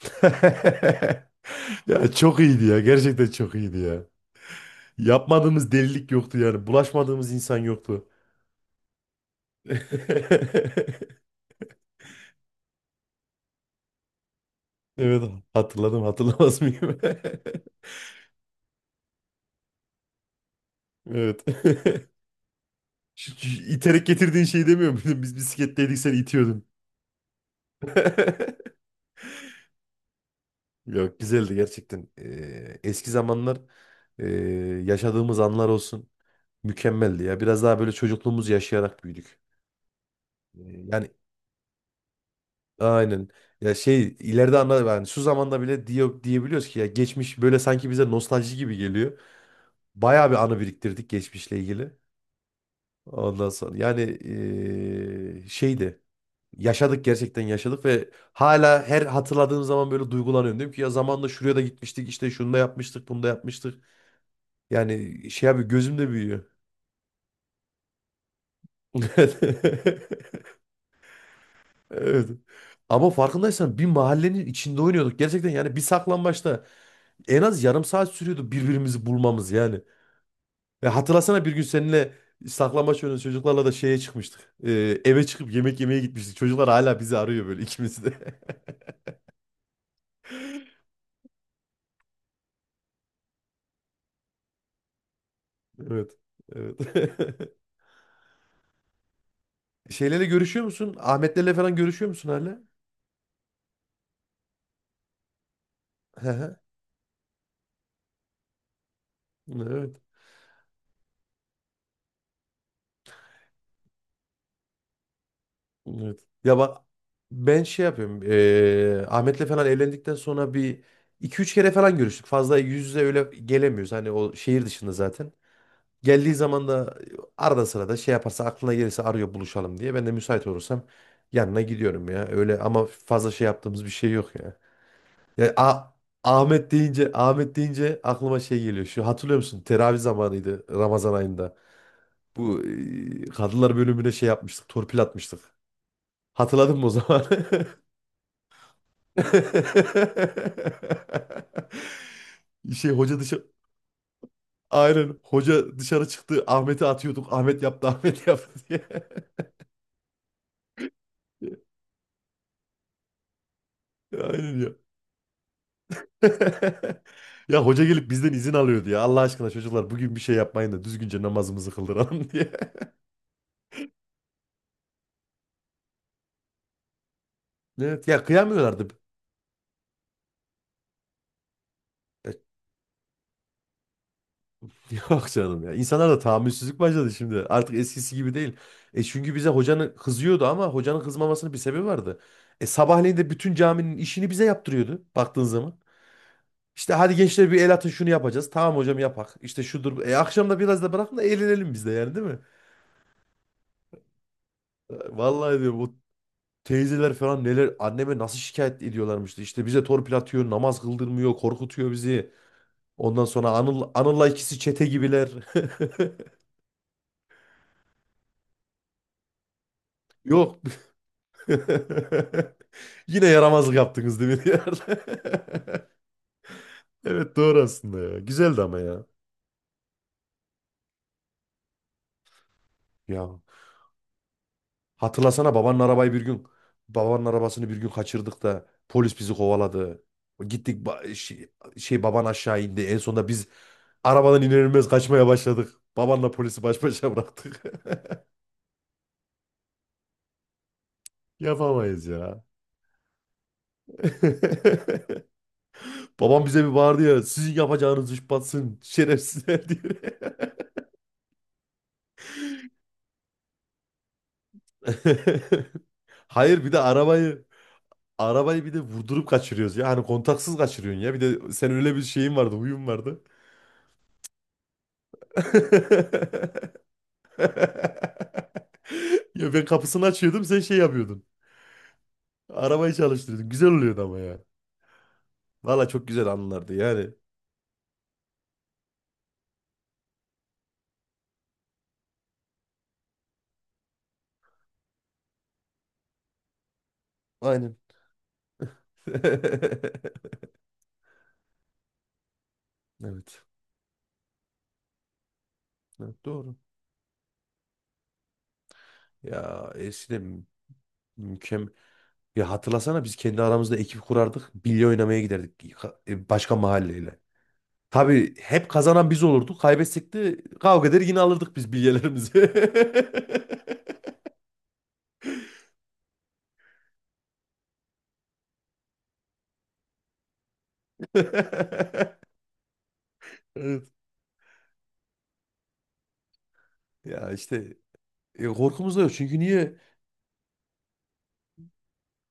Ya çok iyiydi ya. Gerçekten çok iyiydi ya. Yapmadığımız delilik yoktu yani. Bulaşmadığımız insan yoktu. Evet, hatırladım, hatırlamaz mıyım? Evet. Şu İterek getirdiğin şeyi demiyor muydun? Biz bisikletteydik, sen itiyordun. Yok, güzeldi gerçekten. Eski zamanlar, ee, yaşadığımız anlar olsun, mükemmeldi ya. Biraz daha böyle çocukluğumuzu yaşayarak büyüdük. Ee, Yani. Aynen. Ya şey ileride anla yani şu zamanda bile diyebiliyoruz ki ya geçmiş böyle sanki bize nostalji gibi geliyor. Bayağı bir anı biriktirdik geçmişle ilgili. Ondan sonra yani şeydi. Yaşadık, gerçekten yaşadık ve hala her hatırladığım zaman böyle duygulanıyorum. Diyorum ki ya zamanında şuraya da gitmiştik, işte şunu da yapmıştık, bunu da yapmıştık. Yani şey abi gözümde büyüyor. Evet. Ama farkındaysan bir mahallenin içinde oynuyorduk. Gerçekten yani bir saklambaçta en az yarım saat sürüyordu birbirimizi bulmamız yani. Ve hatırlasana bir gün seninle saklambaç oynadık, çocuklarla da şeye çıkmıştık. Eve çıkıp yemek yemeye gitmiştik. Çocuklar hala bizi arıyor böyle, ikimiz de. Evet. Evet. Şeylerle görüşüyor musun? Ahmetlerle falan görüşüyor musun hala? Hı hı. Evet. Evet. Ya bak, ben şey yapıyorum. Ahmet'le falan evlendikten sonra bir iki üç kere falan görüştük. Fazla yüz yüze öyle gelemiyoruz. Hani o şehir dışında zaten. Geldiği zaman da arada sırada şey yaparsa, aklına gelirse arıyor buluşalım diye. Ben de müsait olursam yanına gidiyorum ya. Öyle, ama fazla şey yaptığımız bir şey yok ya. Ya, Ahmet deyince aklıma şey geliyor. Şu hatırlıyor musun? Teravih zamanıydı, Ramazan ayında. Bu kadınlar bölümüne şey yapmıştık. Torpil atmıştık. Hatırladın mı o zaman? Şey hoca dışarı. Aynen. Hoca dışarı çıktı. Ahmet'i atıyorduk. Ahmet yaptı, Ahmet yaptı diye. Aynen ya. Ya hoca gelip bizden izin alıyordu ya. Allah aşkına çocuklar, bugün bir şey yapmayın da düzgünce namazımızı kıldıralım diye. Evet ya, kıyamıyorlardı. E, Yok canım ya. İnsanlar da tahammülsüzlük başladı şimdi. Artık eskisi gibi değil. Çünkü bize hocanın kızıyordu ama hocanın kızmamasının bir sebebi vardı. Sabahleyin de bütün caminin işini bize yaptırıyordu baktığın zaman. İşte hadi gençler, bir el atın şunu yapacağız. Tamam hocam, yapak. İşte şudur. Akşam da biraz da bırakın da eğlenelim biz de yani, değil mi? Vallahi diyorum, teyzeler falan neler, anneme nasıl şikayet ediyorlarmıştı. İşte bize torpil atıyor, namaz kıldırmıyor, korkutuyor bizi. Ondan sonra Anıl'la ikisi çete gibiler. Yok. Yine yaramazlık yaptınız, değil mi diyorlar. Evet, doğru aslında ya. Güzeldi ama ya. Ya hatırlasana, babanın arabasını bir gün kaçırdık da polis bizi kovaladı. Gittik, baban aşağı indi. En sonunda biz arabadan iner inmez kaçmaya başladık. Babanla polisi baş başa bıraktık. Yapamayız ya. Babam bize bir bağırdı ya. Sizin yapacağınız iş batsın, şerefsizler diye. Hayır, bir de arabayı bir de vurdurup kaçırıyoruz ya. Hani kontaksız kaçırıyorsun ya. Bir de sen öyle bir şeyin vardı, huyun vardı. Ya ben kapısını açıyordum, sen şey yapıyordun. Arabayı çalıştırıyordun. Güzel oluyordu ama ya. Valla çok güzel anılardı yani. Aynen. Evet. Evet, doğru. Ya eskiden mükemmel. Ya hatırlasana, biz kendi aramızda ekip kurardık. Bilye oynamaya giderdik başka mahalleyle. Tabii hep kazanan biz olurduk. Kaybetsek de kavga eder yine alırdık biz bilyelerimizi. Evet. Ya işte korkumuz da yok. Çünkü niye?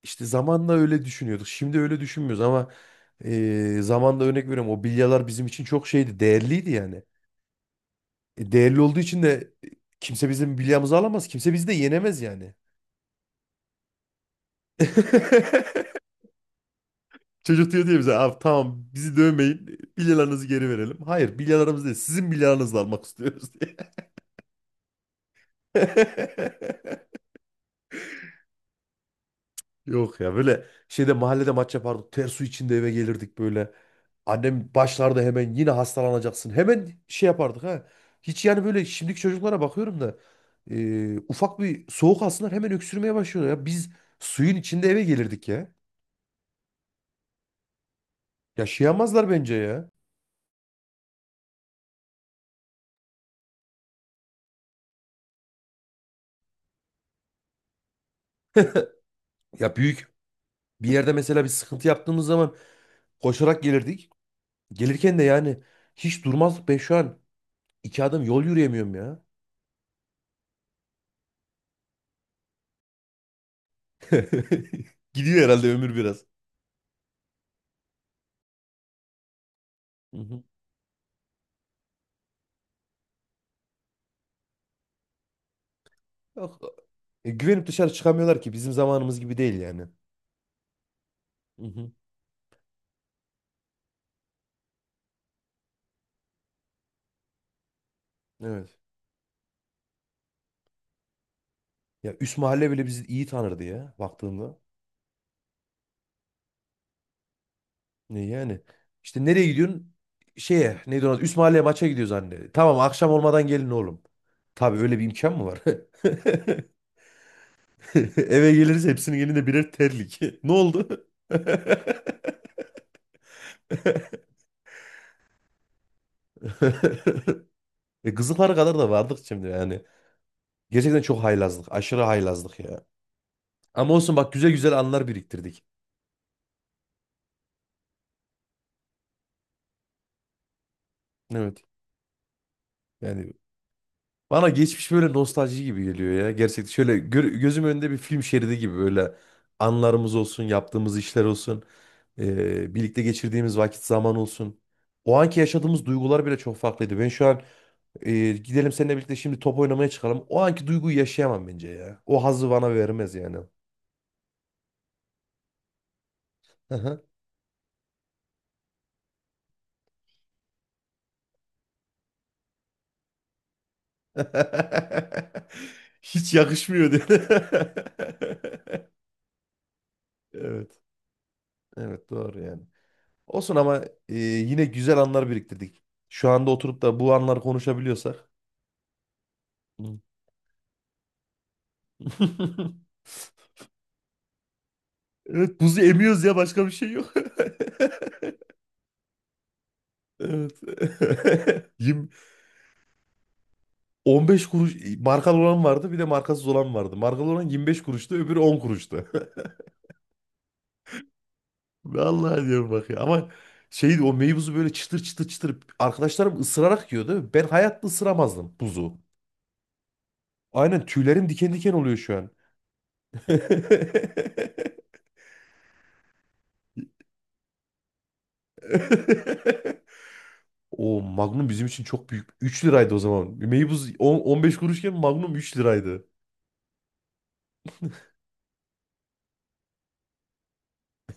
İşte zamanla öyle düşünüyorduk. Şimdi öyle düşünmüyoruz ama zamanla örnek veriyorum. O bilyalar bizim için çok şeydi. Değerliydi yani. Değerli olduğu için de kimse bizim bilyamızı alamaz, kimse bizi de yenemez yani. Çocuk diyor diye bize abi, tamam bizi dövmeyin bilyalarınızı geri verelim. Hayır, bilyalarımız değil, sizin bilyalarınızla almak istiyoruz diye. Yok ya, böyle şeyde mahallede maç yapardık, ter su içinde eve gelirdik böyle. Annem başlarda hemen, yine hastalanacaksın, hemen şey yapardık ha. Hiç yani, böyle şimdiki çocuklara bakıyorum da ufak bir soğuk alsınlar hemen öksürmeye başlıyorlar ya. Biz suyun içinde eve gelirdik ya. Yaşayamazlar bence ya. Ya büyük bir yerde mesela bir sıkıntı yaptığımız zaman koşarak gelirdik. Gelirken de yani hiç durmazdık, be şu an. İki adım yol yürüyemiyorum ya. Gidiyor herhalde ömür biraz. Hı hı. Yok. Güvenip dışarı çıkamıyorlar ki, bizim zamanımız gibi değil yani. Hı hı. Evet. Ya üst mahalle bile bizi iyi tanırdı ya, baktığında. Ne yani? İşte nereye gidiyorsun? Şeye neydi ona? Üst mahalleye maça gidiyoruz anne. Tamam, akşam olmadan gelin oğlum. Tabii öyle bir imkan mı var? Eve geliriz hepsinin elinde birer terlik. Ne oldu? Kızıllara kadar da vardık şimdi yani. Gerçekten çok haylazlık. Aşırı haylazlık ya. Ama olsun bak, güzel güzel anlar biriktirdik. Evet. Yani bana geçmiş böyle nostalji gibi geliyor ya. Gerçekten şöyle gözüm önünde bir film şeridi gibi böyle anlarımız olsun, yaptığımız işler olsun, birlikte geçirdiğimiz vakit zaman olsun. O anki yaşadığımız duygular bile çok farklıydı. Ben şu an. Gidelim seninle birlikte şimdi top oynamaya çıkalım. O anki duyguyu yaşayamam bence ya. O hazzı bana vermez yani. Hı hı. Hiç yakışmıyor diyor. Evet. Evet, doğru yani. Olsun ama yine güzel anlar biriktirdik. Şu anda oturup da bu anları konuşabiliyorsak. Hı. Evet, buzu emiyoruz ya, başka bir şey yok. Evet. Yirmi- 15 kuruş markalı olan vardı, bir de markasız olan vardı. Markalı olan 25 kuruştu, öbürü 10 kuruştu. Vallahi diyorum bak ya. Ama şey, o meyvuzu böyle çıtır çıtır çıtır arkadaşlarım ısırarak yiyordu. Ben hayatta ısıramazdım buzu. Aynen, tüylerim diken diken oluyor şu an. O Magnum bizim için çok büyük. 3 liraydı o zaman. Meybuz 10, 15 kuruşken Magnum 3 liraydı.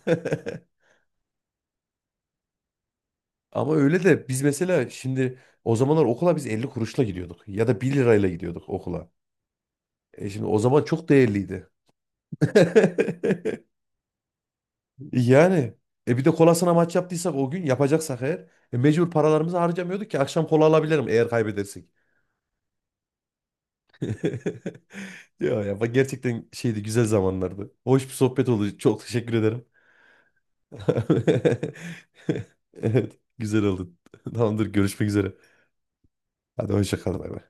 Ama öyle de biz mesela şimdi o zamanlar okula biz 50 kuruşla gidiyorduk. Ya da 1 lirayla gidiyorduk okula. Şimdi o zaman çok değerliydi. Yani bir de kolasına maç yaptıysak o gün yapacaksak eğer mecbur paralarımızı harcamıyorduk ki akşam kola alabilirim eğer kaybedersek. Ya ya bak, gerçekten şeydi, güzel zamanlardı. Hoş bir sohbet oldu. Çok teşekkür ederim. Evet, güzel oldu. Tamamdır, görüşmek üzere. Hadi, hoşça kal. Bay bay.